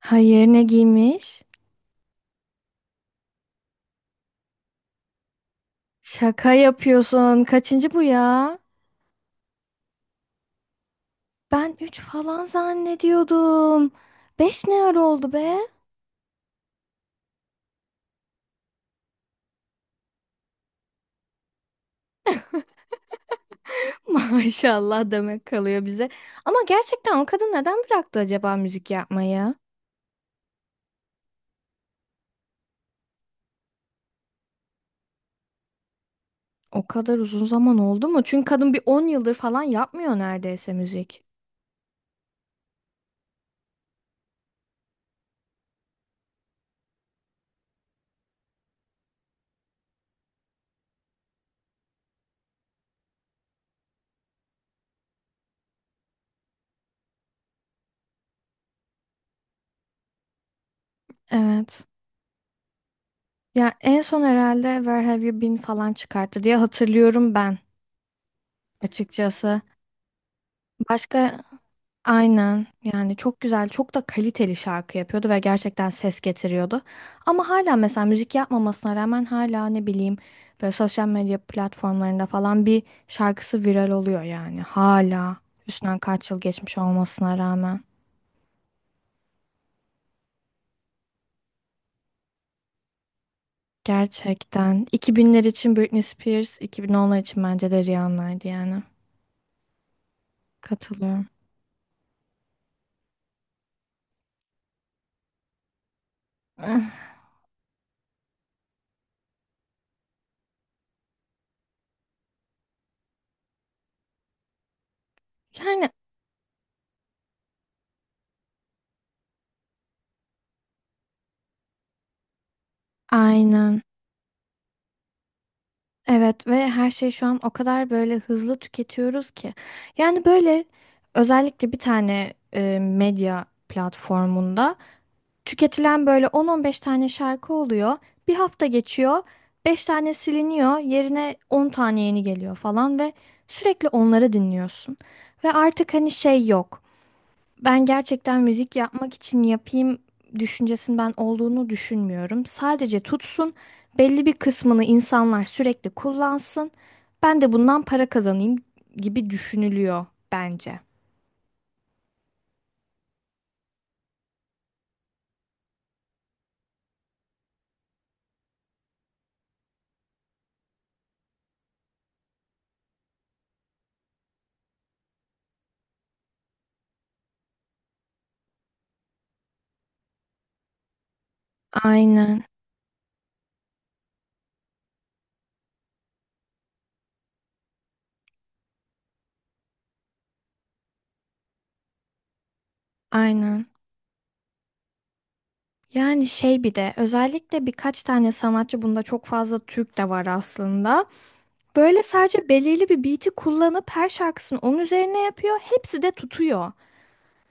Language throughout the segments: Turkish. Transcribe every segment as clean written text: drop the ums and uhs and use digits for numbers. Hayır ne giymiş? Şaka yapıyorsun. Kaçıncı bu ya? Ben 3 falan zannediyordum. 5 ne ara oldu be? Maşallah demek kalıyor bize. Ama gerçekten o kadın neden bıraktı acaba müzik yapmayı? O kadar uzun zaman oldu mu? Çünkü kadın bir 10 yıldır falan yapmıyor neredeyse müzik. Evet. Ya en son herhalde Where Have You Been falan çıkarttı diye hatırlıyorum ben açıkçası. Başka Aynen yani çok güzel çok da kaliteli şarkı yapıyordu ve gerçekten ses getiriyordu. Ama hala mesela müzik yapmamasına rağmen hala ne bileyim böyle sosyal medya platformlarında falan bir şarkısı viral oluyor yani hala üstünden kaç yıl geçmiş olmasına rağmen. Gerçekten 2000'ler için Britney Spears, 2010'lar için bence de Rihanna'ydı yani. Katılıyorum. Eh, yani aynen. Evet ve her şey şu an o kadar böyle hızlı tüketiyoruz ki. Yani böyle özellikle bir tane medya platformunda tüketilen böyle 10-15 tane şarkı oluyor. Bir hafta geçiyor, 5 tane siliniyor, yerine 10 tane yeni geliyor falan ve sürekli onları dinliyorsun. Ve artık hani şey yok. Ben gerçekten müzik yapmak için yapayım düşüncesinin ben olduğunu düşünmüyorum. Sadece tutsun, belli bir kısmını insanlar sürekli kullansın. Ben de bundan para kazanayım gibi düşünülüyor bence. Aynen, aynen. Yani şey bir de özellikle birkaç tane sanatçı bunda çok fazla Türk de var aslında. Böyle sadece belirli bir beat'i kullanıp her şarkısını onun üzerine yapıyor. Hepsi de tutuyor.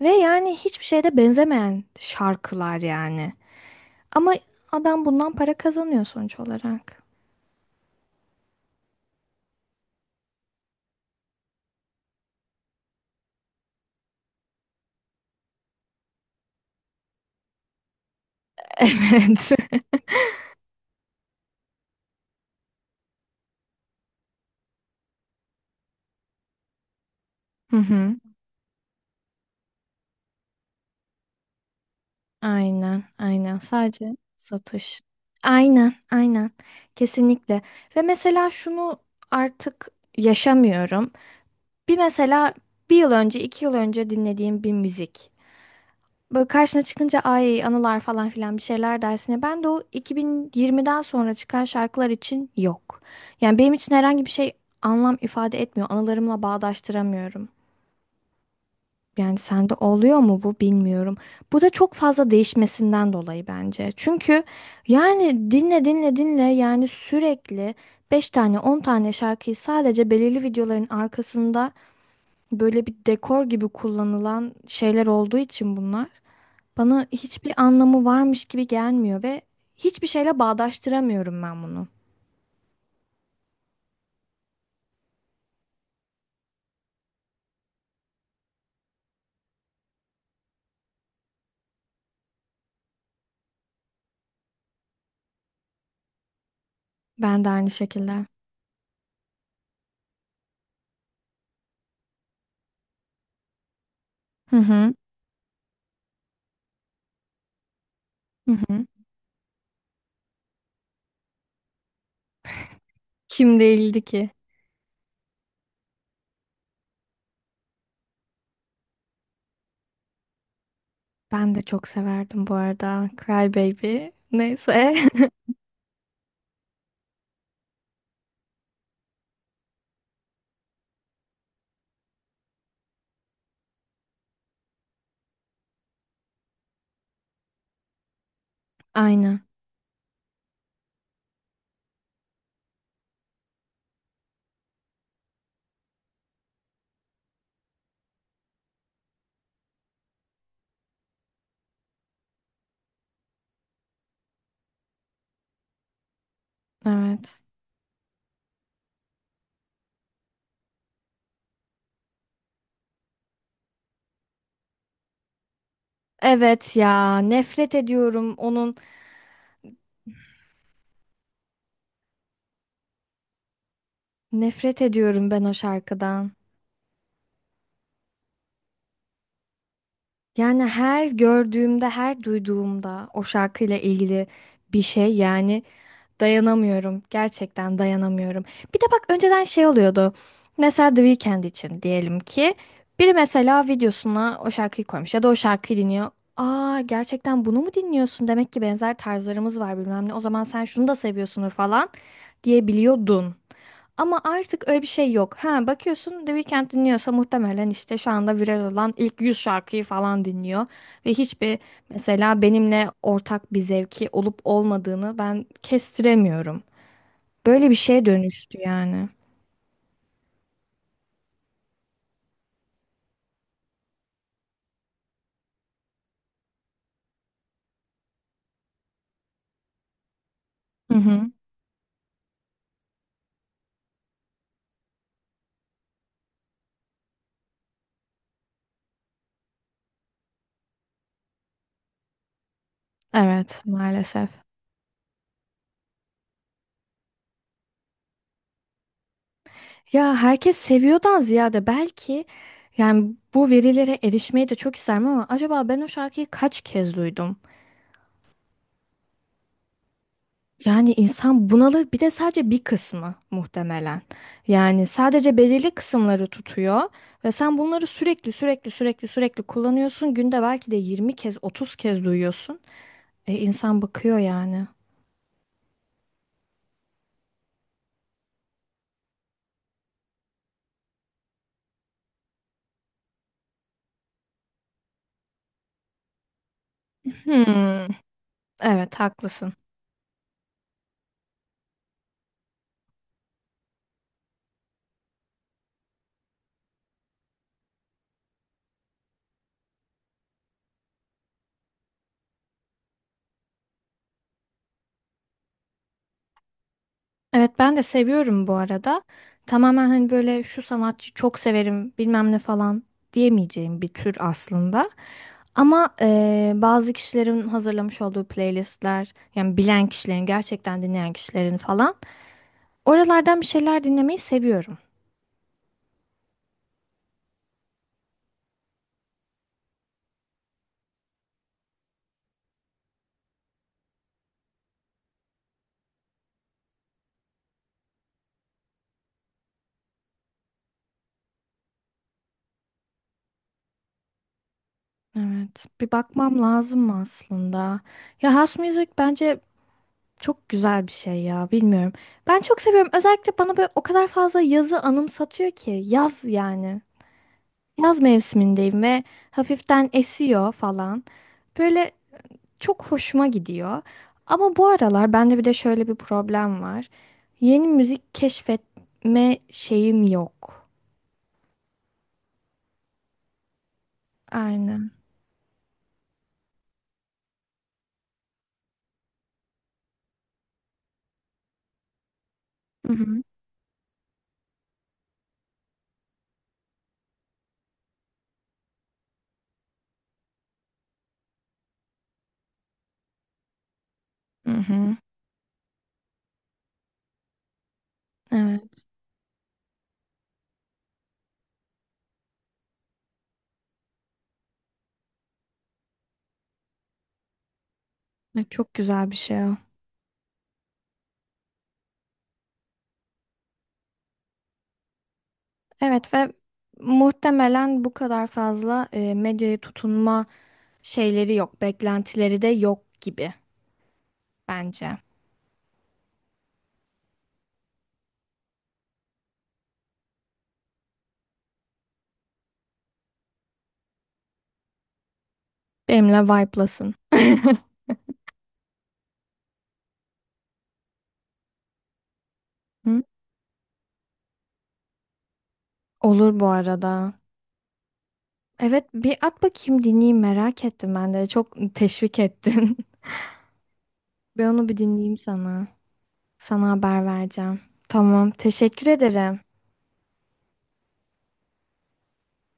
Ve yani hiçbir şeyde benzemeyen şarkılar yani. Ama adam bundan para kazanıyor sonuç olarak. Evet. Hı hı. Aynen, aynen. Sadece satış. Aynen, aynen. Kesinlikle. Ve mesela şunu artık yaşamıyorum. Bir mesela bir yıl önce, 2 yıl önce dinlediğim bir müzik. Böyle karşına çıkınca ay anılar falan filan bir şeyler dersine. Ben de o 2020'den sonra çıkan şarkılar için yok. Yani benim için herhangi bir şey anlam ifade etmiyor. Anılarımla bağdaştıramıyorum. Yani sende oluyor mu bu bilmiyorum. Bu da çok fazla değişmesinden dolayı bence. Çünkü yani dinle dinle dinle yani sürekli 5 tane 10 tane şarkıyı sadece belirli videoların arkasında böyle bir dekor gibi kullanılan şeyler olduğu için bunlar bana hiçbir anlamı varmış gibi gelmiyor ve hiçbir şeyle bağdaştıramıyorum ben bunu. Ben de aynı şekilde. Hı hı. Hı hı. Kim değildi ki? Ben de çok severdim bu arada. Cry Baby. Neyse. Aynen. Evet. Evet ya. Nefret ediyorum onun. Nefret ediyorum ben o şarkıdan. Yani her gördüğümde, her duyduğumda o şarkıyla ilgili bir şey yani dayanamıyorum. Gerçekten dayanamıyorum. Bir de bak önceden şey oluyordu. Mesela The Weeknd için diyelim ki biri mesela videosuna o şarkıyı koymuş ya da o şarkıyı dinliyor. Aa gerçekten bunu mu dinliyorsun? Demek ki benzer tarzlarımız var bilmem ne. O zaman sen şunu da seviyorsundur falan diyebiliyordun. Ama artık öyle bir şey yok. Ha bakıyorsun The Weeknd dinliyorsa muhtemelen işte şu anda viral olan ilk 100 şarkıyı falan dinliyor. Ve mesela benimle ortak bir zevki olup olmadığını ben kestiremiyorum. Böyle bir şeye dönüştü yani. Hı hı. Evet maalesef. Ya herkes seviyordan ziyade belki yani bu verilere erişmeyi de çok isterim ama acaba ben o şarkıyı kaç kez duydum? Yani insan bunalır bir de sadece bir kısmı muhtemelen. Yani sadece belirli kısımları tutuyor ve sen bunları sürekli sürekli sürekli sürekli kullanıyorsun. Günde belki de 20 kez 30 kez duyuyorsun. İnsan bakıyor yani. Hmm, evet haklısın. Evet ben de seviyorum bu arada. Tamamen hani böyle şu sanatçı çok severim bilmem ne falan diyemeyeceğim bir tür aslında. Ama bazı kişilerin hazırlamış olduğu playlistler yani bilen kişilerin gerçekten dinleyen kişilerin falan oralardan bir şeyler dinlemeyi seviyorum. Evet bir bakmam lazım mı aslında? Ya house music bence çok güzel bir şey ya bilmiyorum. Ben çok seviyorum özellikle bana böyle o kadar fazla yazı anımsatıyor ki yaz yani. Yaz mevsimindeyim ve hafiften esiyor falan. Böyle çok hoşuma gidiyor. Ama bu aralar bende bir de şöyle bir problem var. Yeni müzik keşfetme şeyim yok. Aynen. Hı hı. Hı hı. Evet. Ne çok güzel bir şey o. Evet ve muhtemelen bu kadar fazla medyaya tutunma şeyleri yok. Beklentileri de yok gibi bence. Benimle vibe'lasın. Hı? Olur bu arada. Evet bir at bakayım dinleyeyim merak ettim ben de. Çok teşvik ettin. Ben onu bir dinleyeyim sana. Sana haber vereceğim. Tamam teşekkür ederim.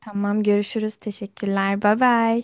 Tamam görüşürüz teşekkürler bay bay.